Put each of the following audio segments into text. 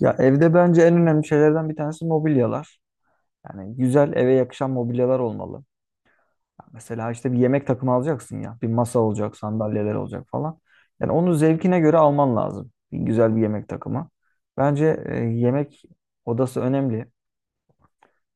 Ya evde bence en önemli şeylerden bir tanesi mobilyalar. Yani güzel eve yakışan mobilyalar olmalı. Ya Mesela işte bir yemek takımı alacaksın ya. Bir masa olacak, sandalyeler olacak falan. Yani onu zevkine göre alman lazım. Bir güzel bir yemek takımı. Bence yemek odası önemli.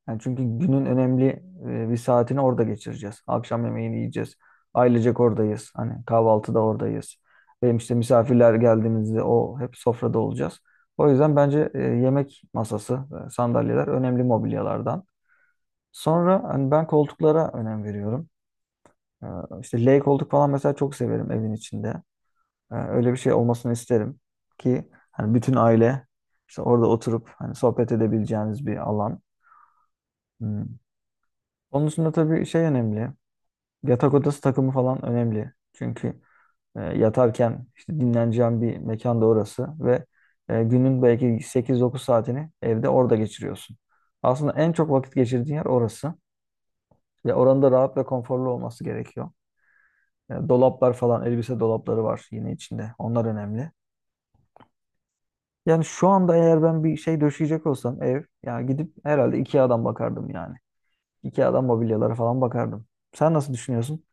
Yani çünkü günün önemli bir saatini orada geçireceğiz. Akşam yemeğini yiyeceğiz. Ailecek oradayız. Hani kahvaltıda oradayız. Benim işte misafirler geldiğimizde o hep sofrada olacağız. O yüzden bence yemek masası, sandalyeler önemli mobilyalardan. Sonra hani ben koltuklara önem veriyorum. E, İşte L koltuk falan mesela çok severim evin içinde. Öyle bir şey olmasını isterim ki hani bütün aile işte orada oturup hani sohbet edebileceğiniz bir alan. Hmm. Onun dışında tabii şey önemli. Yatak odası takımı falan önemli. Çünkü yatarken işte dinleneceğin bir mekan da orası ve günün belki 8-9 saatini evde orada geçiriyorsun. Aslında en çok vakit geçirdiğin yer orası ve oranın da rahat ve konforlu olması gerekiyor. Dolaplar falan, elbise dolapları var yine içinde. Onlar önemli. Yani şu anda eğer ben bir şey döşeyecek olsam ev, ya gidip herhalde IKEA'dan bakardım yani. IKEA'dan mobilyalara falan bakardım. Sen nasıl düşünüyorsun?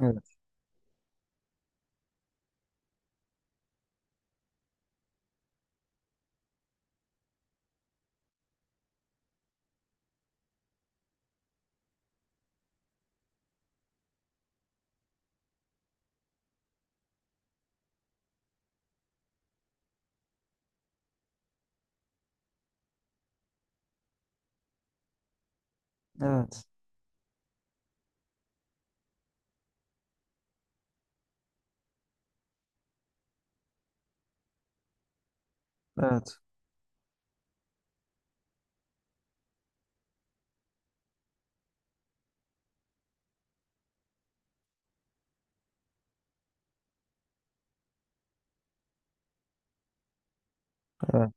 Evet. Evet. Evet. Evet.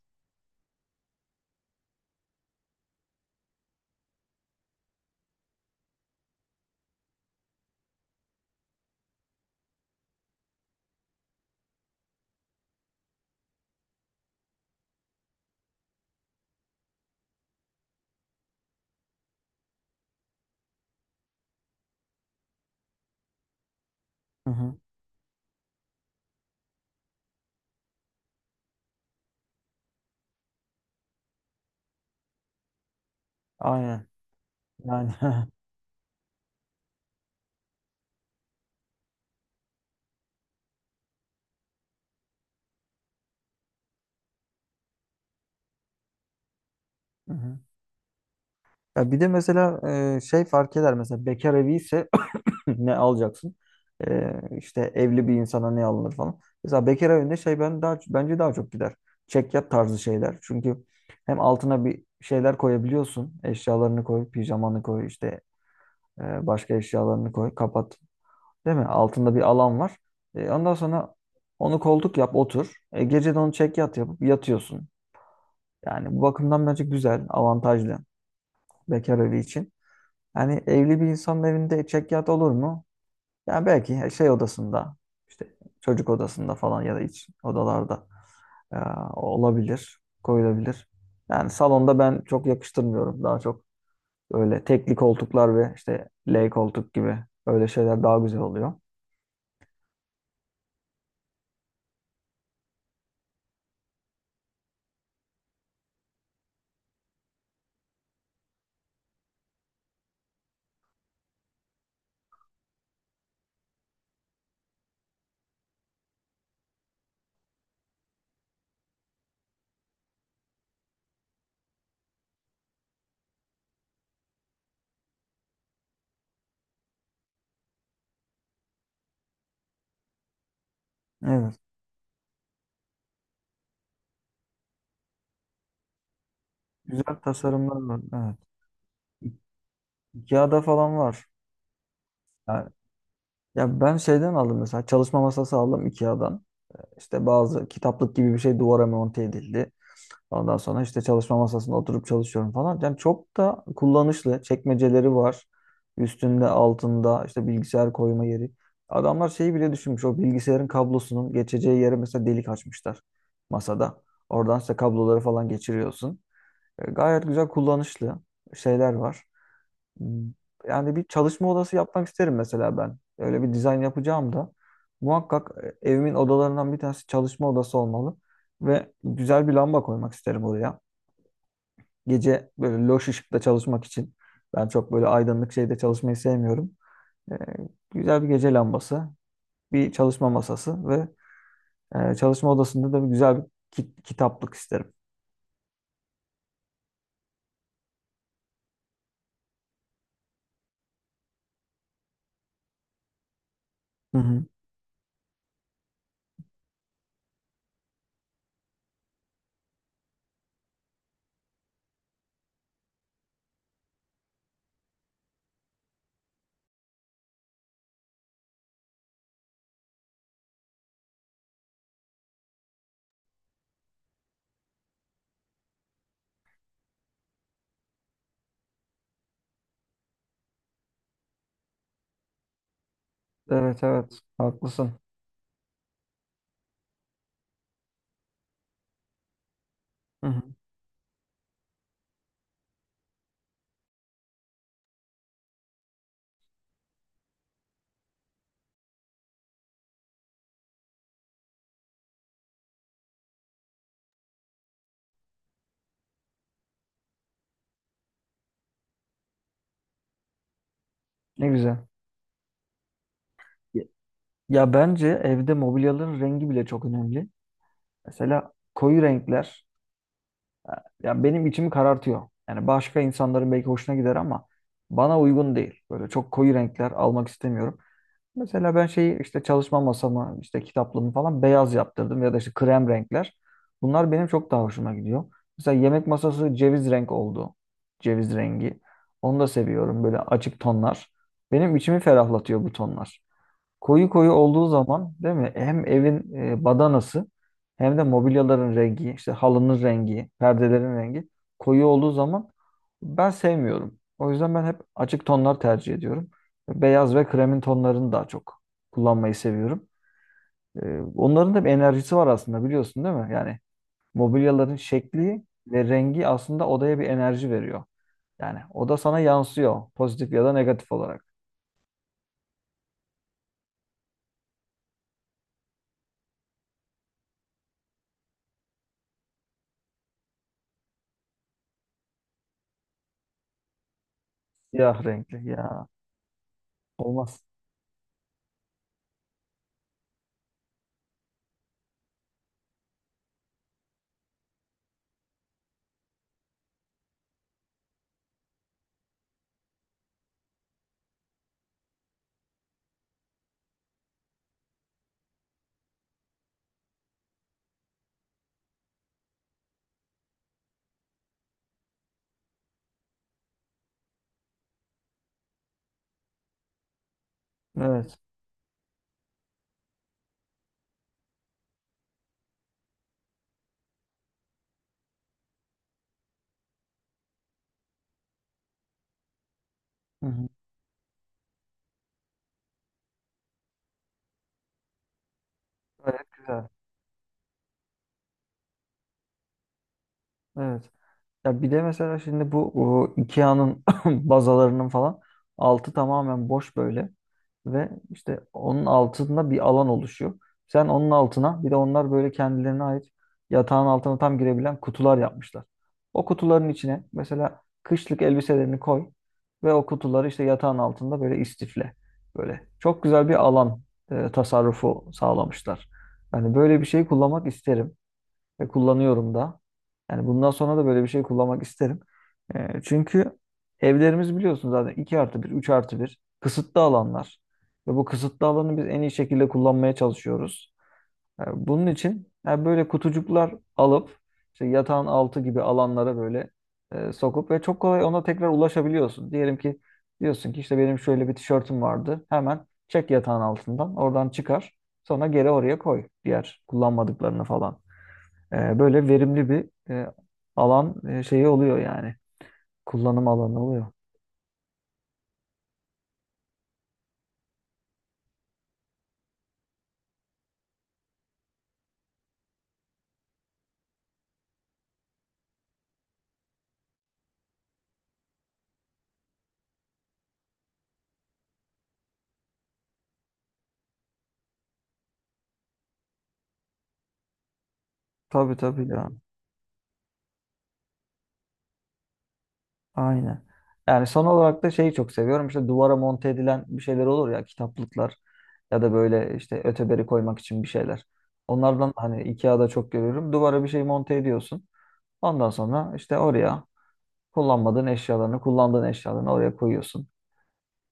Hı hı. Aynen. Yani Hı hı. Ya bir de mesela şey fark eder mesela bekar evi ise ne alacaksın? E, işte evli bir insana ne alınır falan. Mesela bekar evinde şey ben daha bence daha çok gider. Çekyat tarzı şeyler. Çünkü hem altına bir şeyler koyabiliyorsun. Eşyalarını koy, pijamanı koy, işte başka eşyalarını koy, kapat. Değil mi? Altında bir alan var. Ondan sonra onu koltuk yap, otur. Gece de onu çekyat yapıp yatıyorsun. Yani bu bakımdan bence güzel, avantajlı bekar evi için. Yani evli bir insanın evinde çekyat olur mu? Yani belki şey odasında, işte çocuk odasında falan ya da iç odalarda e, olabilir, koyulabilir. Yani salonda ben çok yakıştırmıyorum. Daha çok öyle tekli koltuklar ve işte L koltuk gibi öyle şeyler daha güzel oluyor. Evet. Güzel tasarımlar var. Evet. Ikea'da falan var. Yani, ya ben şeyden aldım mesela çalışma masası aldım Ikea'dan. İşte bazı kitaplık gibi bir şey duvara monte edildi. Ondan sonra işte çalışma masasında oturup çalışıyorum falan. Yani çok da kullanışlı. Çekmeceleri var. Üstünde, altında işte bilgisayar koyma yeri. Adamlar şeyi bile düşünmüş. O bilgisayarın kablosunun geçeceği yere mesela delik açmışlar masada. Oradan işte kabloları falan geçiriyorsun. Gayet güzel kullanışlı şeyler var. Yani bir çalışma odası yapmak isterim mesela ben. Öyle bir dizayn yapacağım da. Muhakkak evimin odalarından bir tanesi çalışma odası olmalı. Ve güzel bir lamba koymak isterim oraya. Gece böyle loş ışıkta çalışmak için. Ben çok böyle aydınlık şeyde çalışmayı sevmiyorum. E, güzel bir gece lambası, bir çalışma masası ve çalışma odasında da bir güzel bir kitaplık isterim. Hı hı. Evet evet haklısın. Hı hı. Ne güzel. Ya bence evde mobilyaların rengi bile çok önemli. Mesela koyu renkler e, ya benim içimi karartıyor. Yani başka insanların belki hoşuna gider ama bana uygun değil. Böyle çok koyu renkler almak istemiyorum. Mesela ben şeyi işte çalışma masamı, işte kitaplığımı falan beyaz yaptırdım ya da işte krem renkler. Bunlar benim çok daha hoşuma gidiyor. Mesela yemek masası ceviz renk oldu. Ceviz rengi. Onu da seviyorum böyle açık tonlar. Benim içimi ferahlatıyor bu tonlar. Koyu koyu olduğu zaman değil mi? Hem evin badanası hem de mobilyaların rengi, işte halının rengi, perdelerin rengi koyu olduğu zaman ben sevmiyorum. O yüzden ben hep açık tonlar tercih ediyorum. Beyaz ve kremin tonlarını daha çok kullanmayı seviyorum. Onların da bir enerjisi var aslında biliyorsun değil mi? Yani mobilyaların şekli ve rengi aslında odaya bir enerji veriyor. Yani oda sana yansıyor pozitif ya da negatif olarak. Siyah renkli ya olmaz. Evet. Hı hı. Gayet güzel. Evet. Ya bir de mesela şimdi bu o IKEA'nın bazalarının falan altı tamamen boş böyle ve işte onun altında bir alan oluşuyor. Sen onun altına bir de onlar böyle kendilerine ait yatağın altına tam girebilen kutular yapmışlar. O kutuların içine mesela kışlık elbiselerini koy ve o kutuları işte yatağın altında böyle istifle. Böyle çok güzel bir alan tasarrufu sağlamışlar. Yani böyle bir şey kullanmak isterim. Ve kullanıyorum da. Yani bundan sonra da böyle bir şey kullanmak isterim. Çünkü evlerimiz biliyorsun zaten 2+1, 3+1 kısıtlı alanlar. Ve bu kısıtlı alanı biz en iyi şekilde kullanmaya çalışıyoruz. Bunun için yani böyle kutucuklar alıp işte yatağın altı gibi alanlara böyle sokup ve çok kolay ona tekrar ulaşabiliyorsun. Diyelim ki diyorsun ki işte benim şöyle bir tişörtüm vardı. Hemen çek yatağın altından oradan çıkar. Sonra geri oraya koy diğer kullanmadıklarını falan. Böyle verimli bir alan şeyi oluyor yani. Kullanım alanı oluyor. Tabii tabii ya. Aynen. Yani son olarak da şeyi çok seviyorum. İşte duvara monte edilen bir şeyler olur ya kitaplıklar ya da böyle işte öteberi koymak için bir şeyler. Onlardan hani IKEA'da çok görüyorum. Duvara bir şey monte ediyorsun. Ondan sonra işte oraya kullanmadığın eşyalarını, kullandığın eşyalarını oraya koyuyorsun.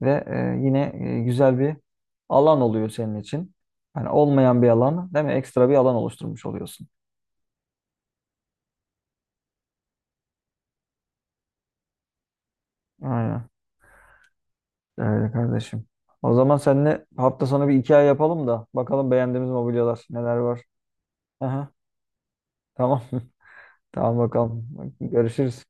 Ve yine güzel bir alan oluyor senin için. Yani olmayan bir alan, değil mi? Ekstra bir alan oluşturmuş oluyorsun. Aynen. Öyle kardeşim. O zaman seninle hafta sonu bir hikaye yapalım da bakalım beğendiğimiz mobilyalar neler var. Aha, tamam. Tamam bakalım. Görüşürüz.